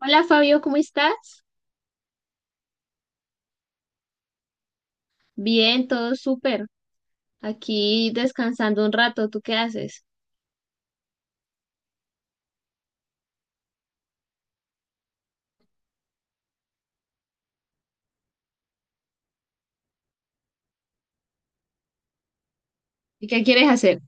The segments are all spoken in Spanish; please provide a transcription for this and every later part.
Hola Fabio, ¿cómo estás? Bien, todo súper. Aquí descansando un rato, ¿tú qué haces? ¿Y qué quieres hacer?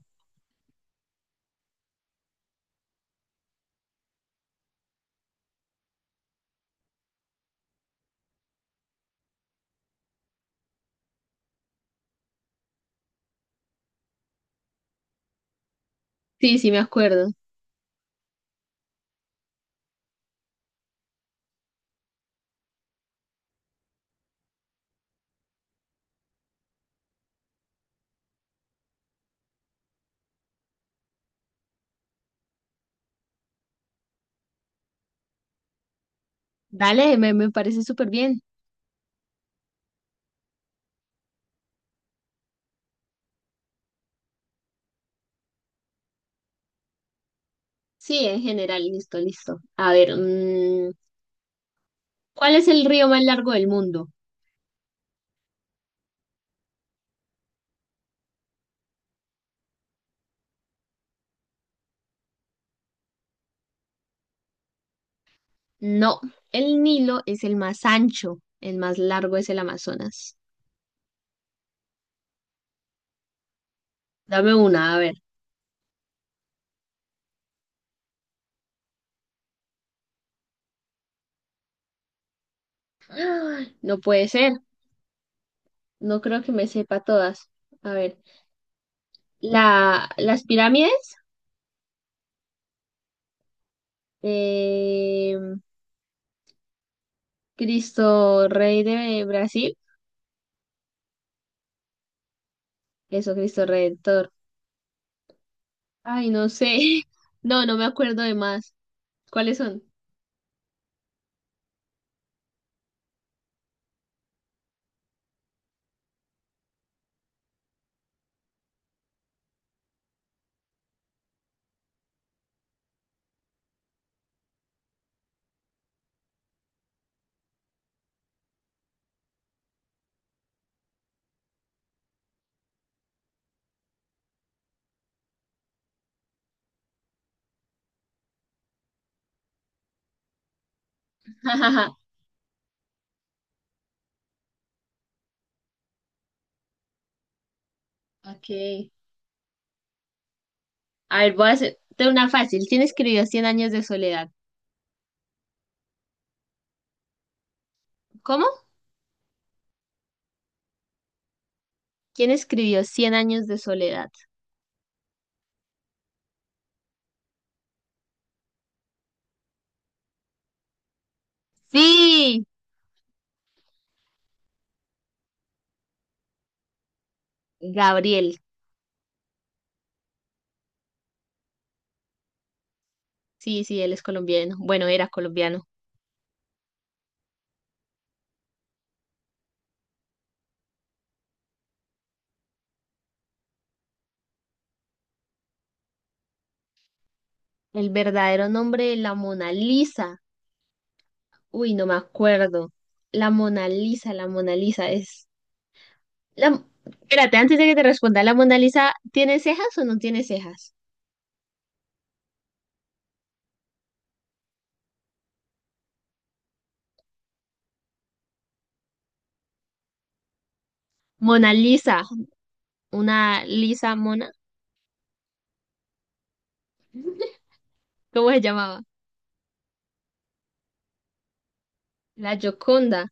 Sí, sí, me acuerdo. Dale, me parece súper bien. Sí, en general, listo, listo. A ver, ¿cuál es el río más largo del mundo? No, el Nilo es el más ancho, el más largo es el Amazonas. Dame una, a ver. ¡Ah! No puede ser, no creo que me sepa todas. A ver, las pirámides. Eh, Cristo Rey de Brasil. Eso, Cristo Redentor. Ay, no sé. No, no me acuerdo de más. ¿Cuáles son? Ok. A ver, voy a hacerte una fácil. ¿Quién escribió Cien años de soledad? ¿Cómo? ¿Quién escribió Cien años de soledad? Sí, Gabriel. Sí, sí, él es colombiano. Bueno, era colombiano. El verdadero nombre de la Mona Lisa. Uy, no me acuerdo. La Mona Lisa es espérate, antes de que te responda, ¿la Mona Lisa tiene cejas o no tiene cejas? Mona Lisa, una Lisa mona, ¿cómo se llamaba? La Gioconda,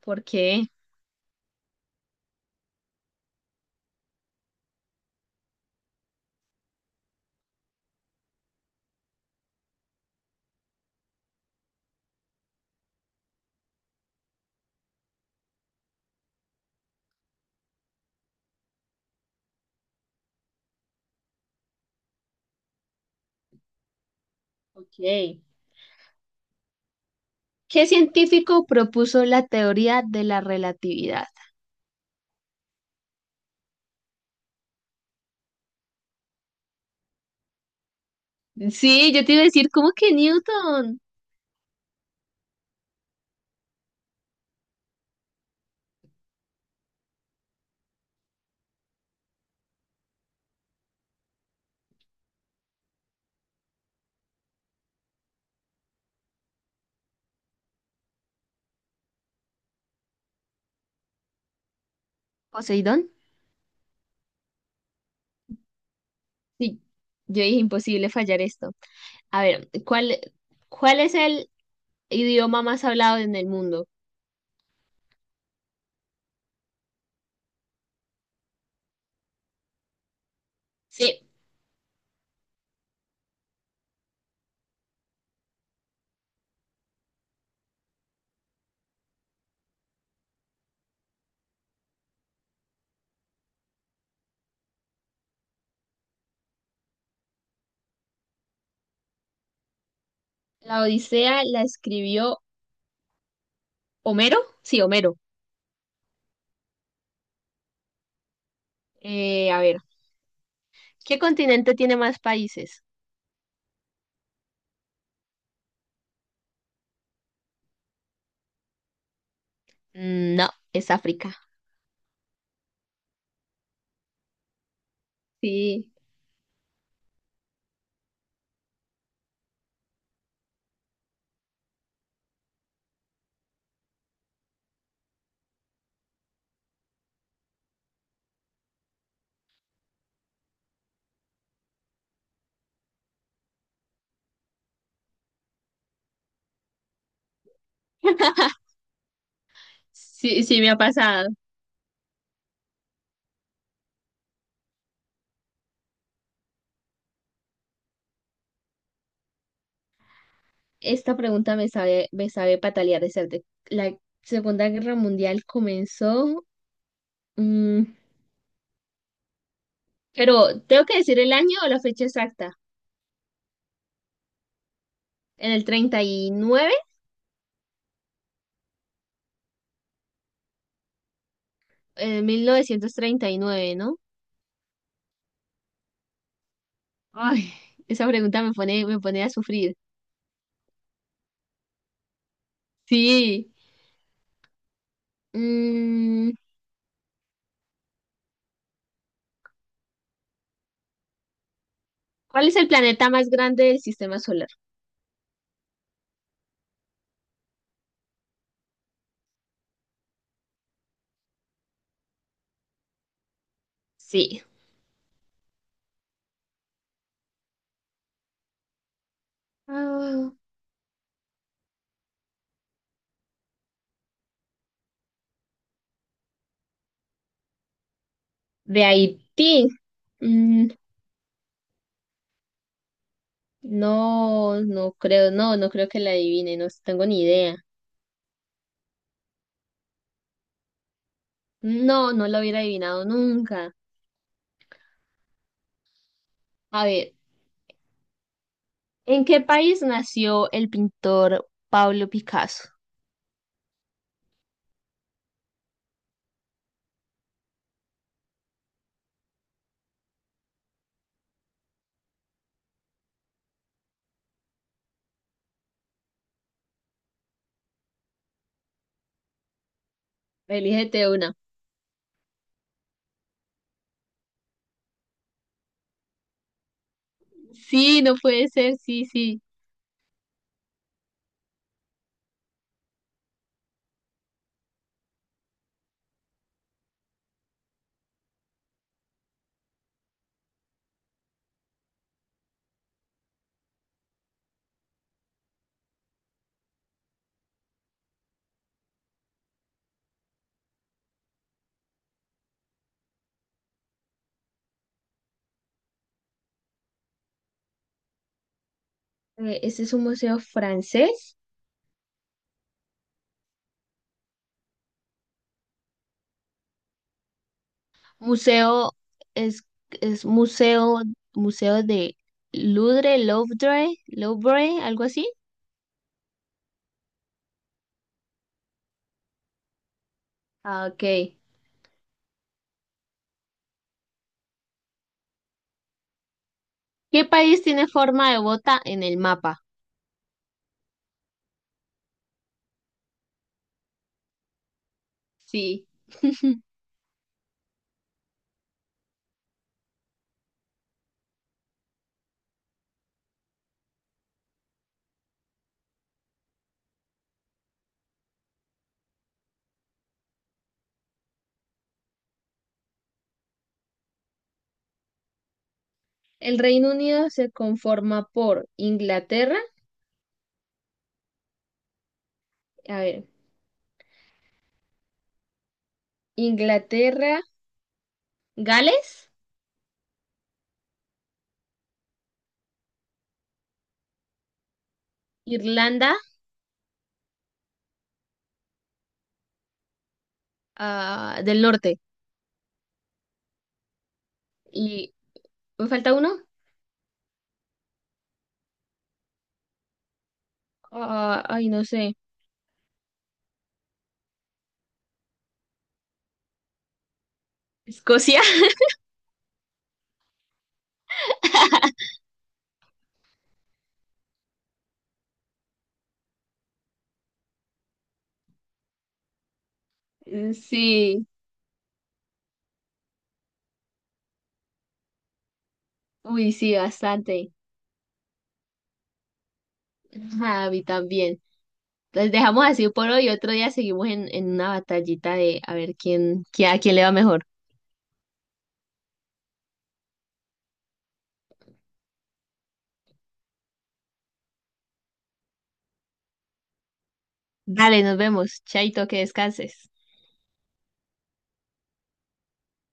¿por qué? Ok. ¿Qué científico propuso la teoría de la relatividad? Sí, yo te iba a decir, ¿cómo que Newton? ¿Poseidón? Sí, yo dije imposible fallar esto. A ver, ¿cuál es el idioma más hablado en el mundo? Sí, la Odisea la escribió Homero. Sí, Homero. A ver, ¿qué continente tiene más países? Mm, no, es África. Sí, sí, sí me ha pasado. Esta pregunta me sabe patalear de certe. La Segunda Guerra Mundial comenzó, mm, pero tengo que decir el año o la fecha exacta. En el 39, en 1939, ¿no? Ay, esa pregunta me pone a sufrir. Sí. Mm, ¿cuál es el planeta más grande del sistema solar? Sí. Ah, de Haití. Mm, no creo que la adivine, no tengo ni idea. No, no la hubiera adivinado nunca. A ver, ¿en qué país nació el pintor Pablo Picasso? Elígete una. Sí, no puede ser, sí, sí. ¿Este es un museo francés? Museo, es, es museo, museo de Louvre, Louvre, Louvre, algo así. Ah, ok. ¿Qué país tiene forma de bota en el mapa? Sí, el Reino Unido se conforma por Inglaterra, a ver, Inglaterra, Gales, Irlanda, ah, del Norte. ¿Y me falta uno? Ah, ay, no sé. ¿Escocia? Sí, uy, sí, bastante. Ajá, a mí también. Entonces dejamos así por hoy. Otro día seguimos en una batallita de a ver quién, a quién le va mejor. Dale, nos vemos. Chaito, que descanses.